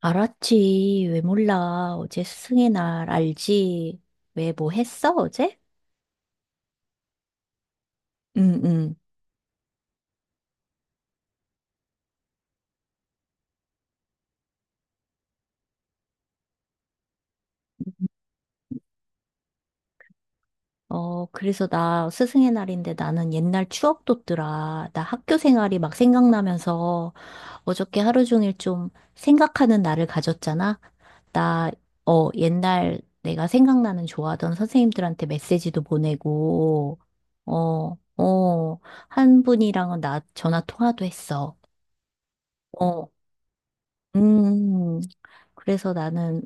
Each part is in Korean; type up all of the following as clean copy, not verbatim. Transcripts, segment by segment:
알았지. 왜 몰라. 어제 스승의 날 알지. 왜 뭐 했어, 어제? 응, 응. 그래서 나 스승의 날인데 나는 옛날 추억 돋더라. 나 학교 생활이 막 생각나면서 어저께 하루 종일 좀 생각하는 날을 가졌잖아. 나, 옛날 내가 생각나는 좋아하던 선생님들한테 메시지도 보내고, 어, 어, 한 분이랑은 나 전화 통화도 했어. 어, 음. 그래서 나는,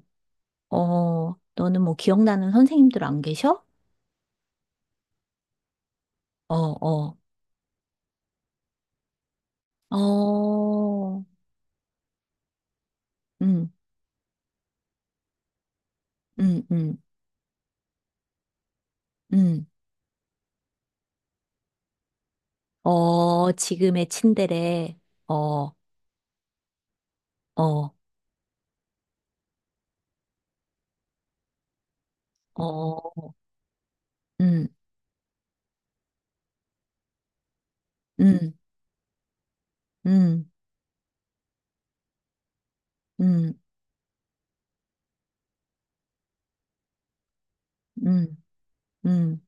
너는 뭐 기억나는 선생님들 안 계셔? 어, 어, 어, 음, 음, 음, 음. 지금의 친데레, 어, 어, 어, 음, 음, 음, 음, 음, 음,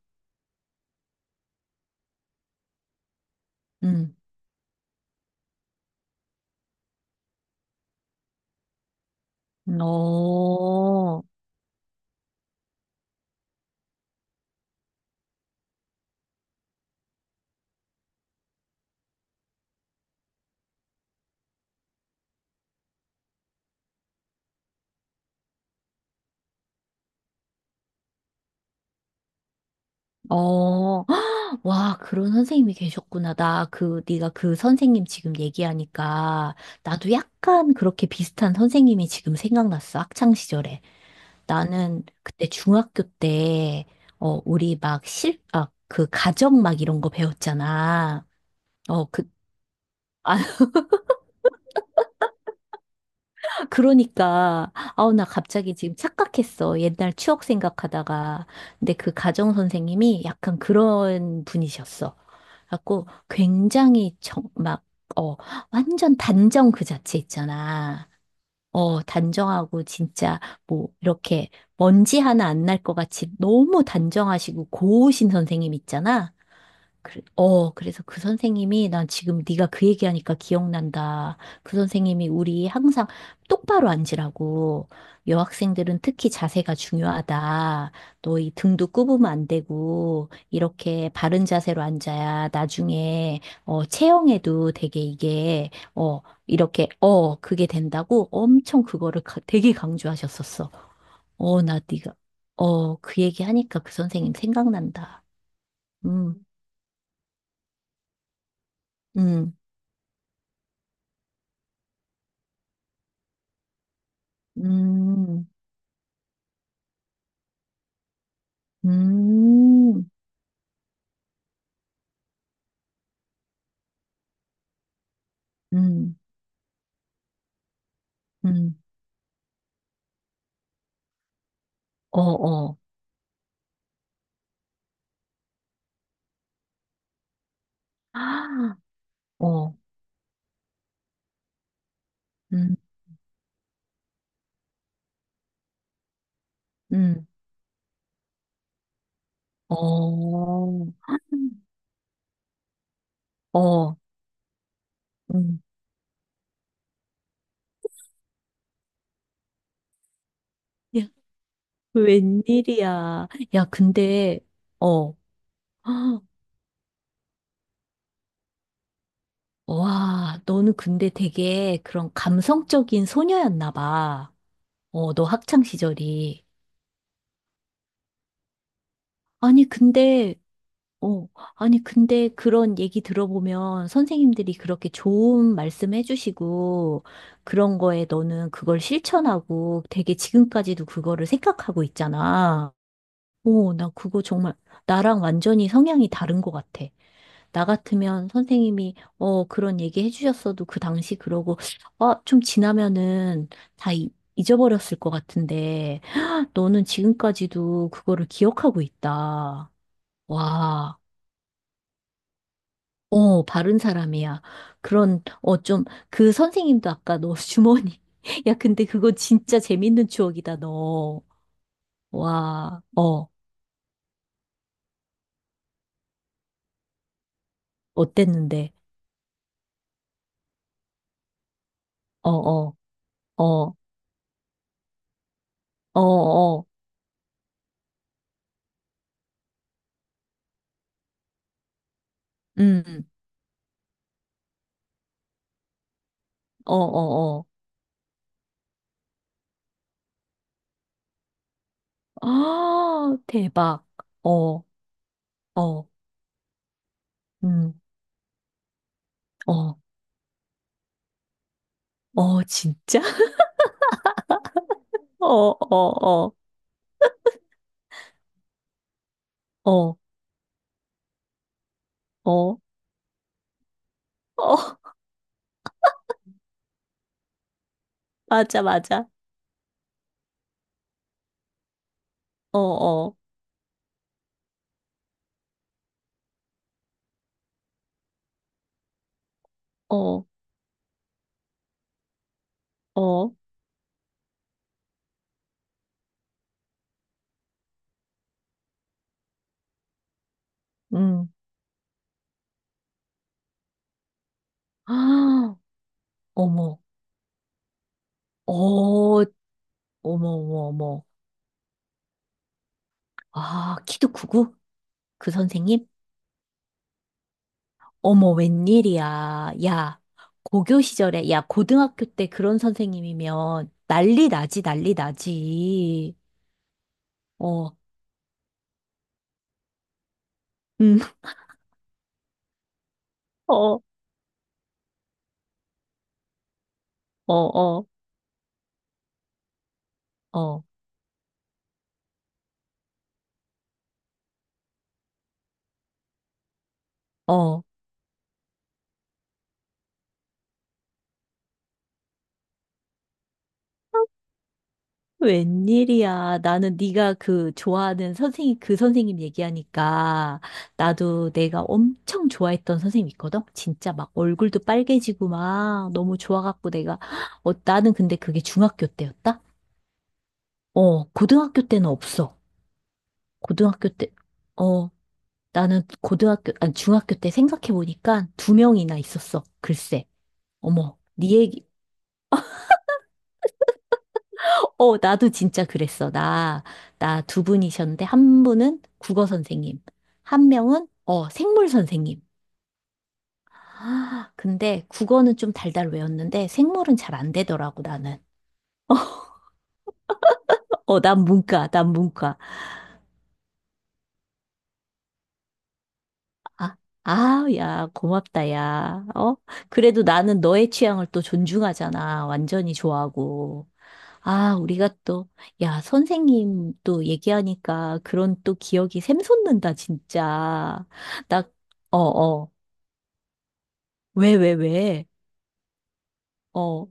음, 어, 어. 와, 그런 선생님이 계셨구나. 나 그, 네가 그 선생님 지금 얘기하니까 나도 약간 그렇게 비슷한 선생님이 지금 생각났어. 학창 시절에. 나는 그때 중학교 때, 우리 막 아, 그 가정 막 이런 거 배웠잖아. 그, 아, 그러니까. 아우, 나 갑자기 지금 착각했어. 옛날 추억 생각하다가. 근데 그 가정 선생님이 약간 그런 분이셨어. 갖고 굉장히 막, 어, 완전 단정 그 자체 있잖아. 단정하고 진짜 뭐 이렇게 먼지 하나 안 날 것 같이 너무 단정하시고 고우신 선생님 있잖아. 그래, 그래서 그 선생님이 난 지금 네가 그 얘기하니까 기억난다. 그 선생님이 우리 항상 똑바로 앉으라고 여학생들은 특히 자세가 중요하다. 너 이 등도 굽으면 안 되고 이렇게 바른 자세로 앉아야 나중에 체형에도 되게 이게 이렇게 그게 된다고 엄청 그거를 되게 강조하셨었어. 나 네가 그 얘기하니까 그 선생님 생각난다. 음. 음. 음, 음, 음, 음, 어, 어, 아, 어, 음, 음, 어, 어, 음. 야, 웬일이야. 야, 근데, 어, 헉, 와, 너는 근데 되게 그런 감성적인 소녀였나 봐. 너 학창 시절이. 아니, 근데 어, 아니, 근데 그런 얘기 들어보면 선생님들이 그렇게 좋은 말씀 해주시고 그런 거에 너는 그걸 실천하고 되게 지금까지도 그거를 생각하고 있잖아. 오, 나 그거 정말 나랑 완전히 성향이 다른 것 같아. 나 같으면 선생님이 그런 얘기 해주셨어도 그 당시 그러고 아, 좀 지나면은 다 잊어버렸을 것 같은데 너는 지금까지도 그거를 기억하고 있다. 와. 바른 사람이야. 그런, 좀, 그 선생님도 아까 너 주머니. 야, 근데 그거 진짜 재밌는 추억이다, 너. 와, 어땠는데? 어, 어, 어, 어, 어, 음, 어, 어, 어. 아, 대박. 어, 어, 음, 어, 어, 진짜? 어, 어, 어, 어, 어, 어, 맞아, 맞아. 어, 어, 어, 어, 음. 아, 어머. 어, 어머, 어머, 어머. 아, 키도 크고? 그 선생님? 어머, 웬일이야. 야, 고교 시절에, 야, 고등학교 때 그런 선생님이면 난리 나지, 난리 나지. 어, 음, 어, 어, 어, 어, 어. 웬일이야. 나는 네가 그 좋아하는 선생님, 그 선생님 얘기하니까 나도 내가 엄청 좋아했던 선생님 있거든? 진짜 막 얼굴도 빨개지고 막 너무 좋아갖고 내가 나는 근데 그게 중학교 때였다? 고등학교 때는 없어. 고등학교 때, 어, 나는 고등학교, 아니, 중학교 때 생각해보니까 두 명이나 있었어. 글쎄. 어머, 네 얘기, 어, 어, 나도 진짜 그랬어. 나 두 분이셨는데, 한 분은 국어 선생님, 한 명은, 생물 선생님. 아, 근데 국어는 좀 달달 외웠는데, 생물은 잘 안 되더라고, 나는. 어, 난 문과, 난 문과. 아, 아, 야, 고맙다, 야. 어? 그래도 나는 너의 취향을 또 존중하잖아. 완전히 좋아하고. 아, 우리가 또, 야, 선생님 또 얘기하니까 그런 또 기억이 샘솟는다, 진짜. 나, 어, 어. 왜, 왜, 왜? 어,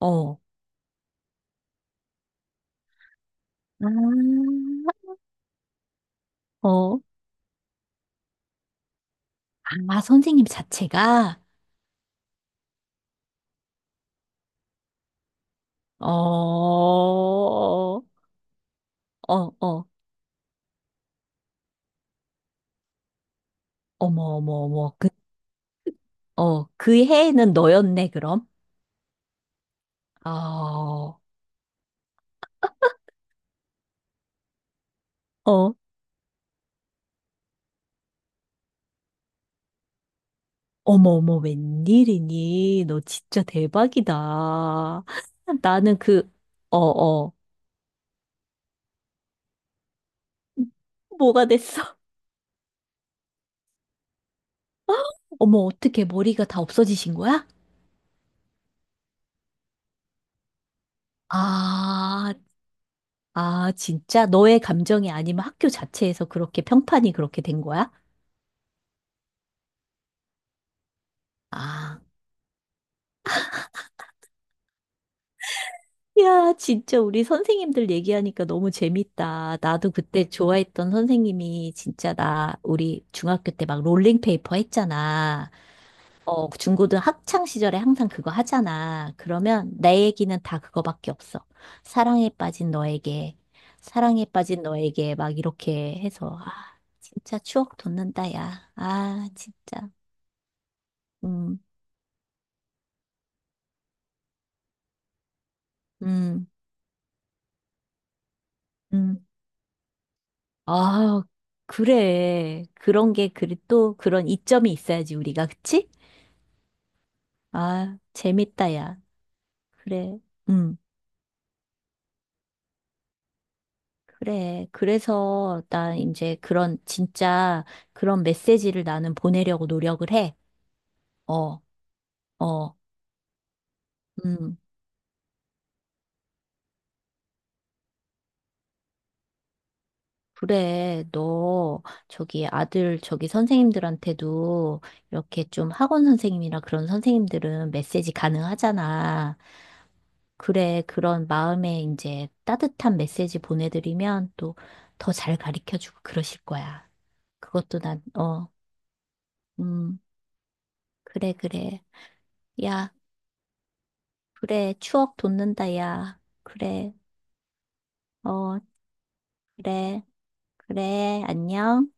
어. 아, 어. 아, 선생님 자체가? 어, 어, 어. 어머, 어머, 어머. 그 해에는 너였네, 그럼? 아, 어, 어머, 어머, 웬일이니? 너 진짜 대박이다. 나는 그, 어, 어, 뭐가 됐어? 어머, 어떻게 머리가 다 없어지신 거야? 아, 아, 진짜 너의 감정이 아니면 학교 자체에서 그렇게 평판이 그렇게 된 거야? 아, 야, 진짜 우리 선생님들 얘기하니까 너무 재밌다. 나도 그때 좋아했던 선생님이 진짜 나, 우리 중학교 때 막 롤링페이퍼 했잖아. 그 중고등 학창 시절에 항상 그거 하잖아. 그러면 내 얘기는 다 그거밖에 없어. 사랑에 빠진 너에게, 사랑에 빠진 너에게 막 이렇게 해서, 아, 진짜 추억 돋는다, 야. 아, 진짜. 음, 음, 음. 아, 그래. 그런 게, 그리 또 그런 이점이 있어야지, 우리가. 그치? 아, 재밌다, 야. 그래. 음. 그래. 그래서 나 이제 그런 진짜 그런 메시지를 나는 보내려고 노력을 해. 어, 어, 음. 그래. 너 저기 아들 저기 선생님들한테도 이렇게 좀 학원 선생님이나 그런 선생님들은 메시지 가능하잖아. 그래. 그런 마음에 이제 따뜻한 메시지 보내드리면 또 더 잘 가르쳐주고 그러실 거야. 그것도 난, 어, 음. 그래, 그래. 야. 그래, 추억 돋는다, 야. 그래, 어, 그래, 그래, 안녕.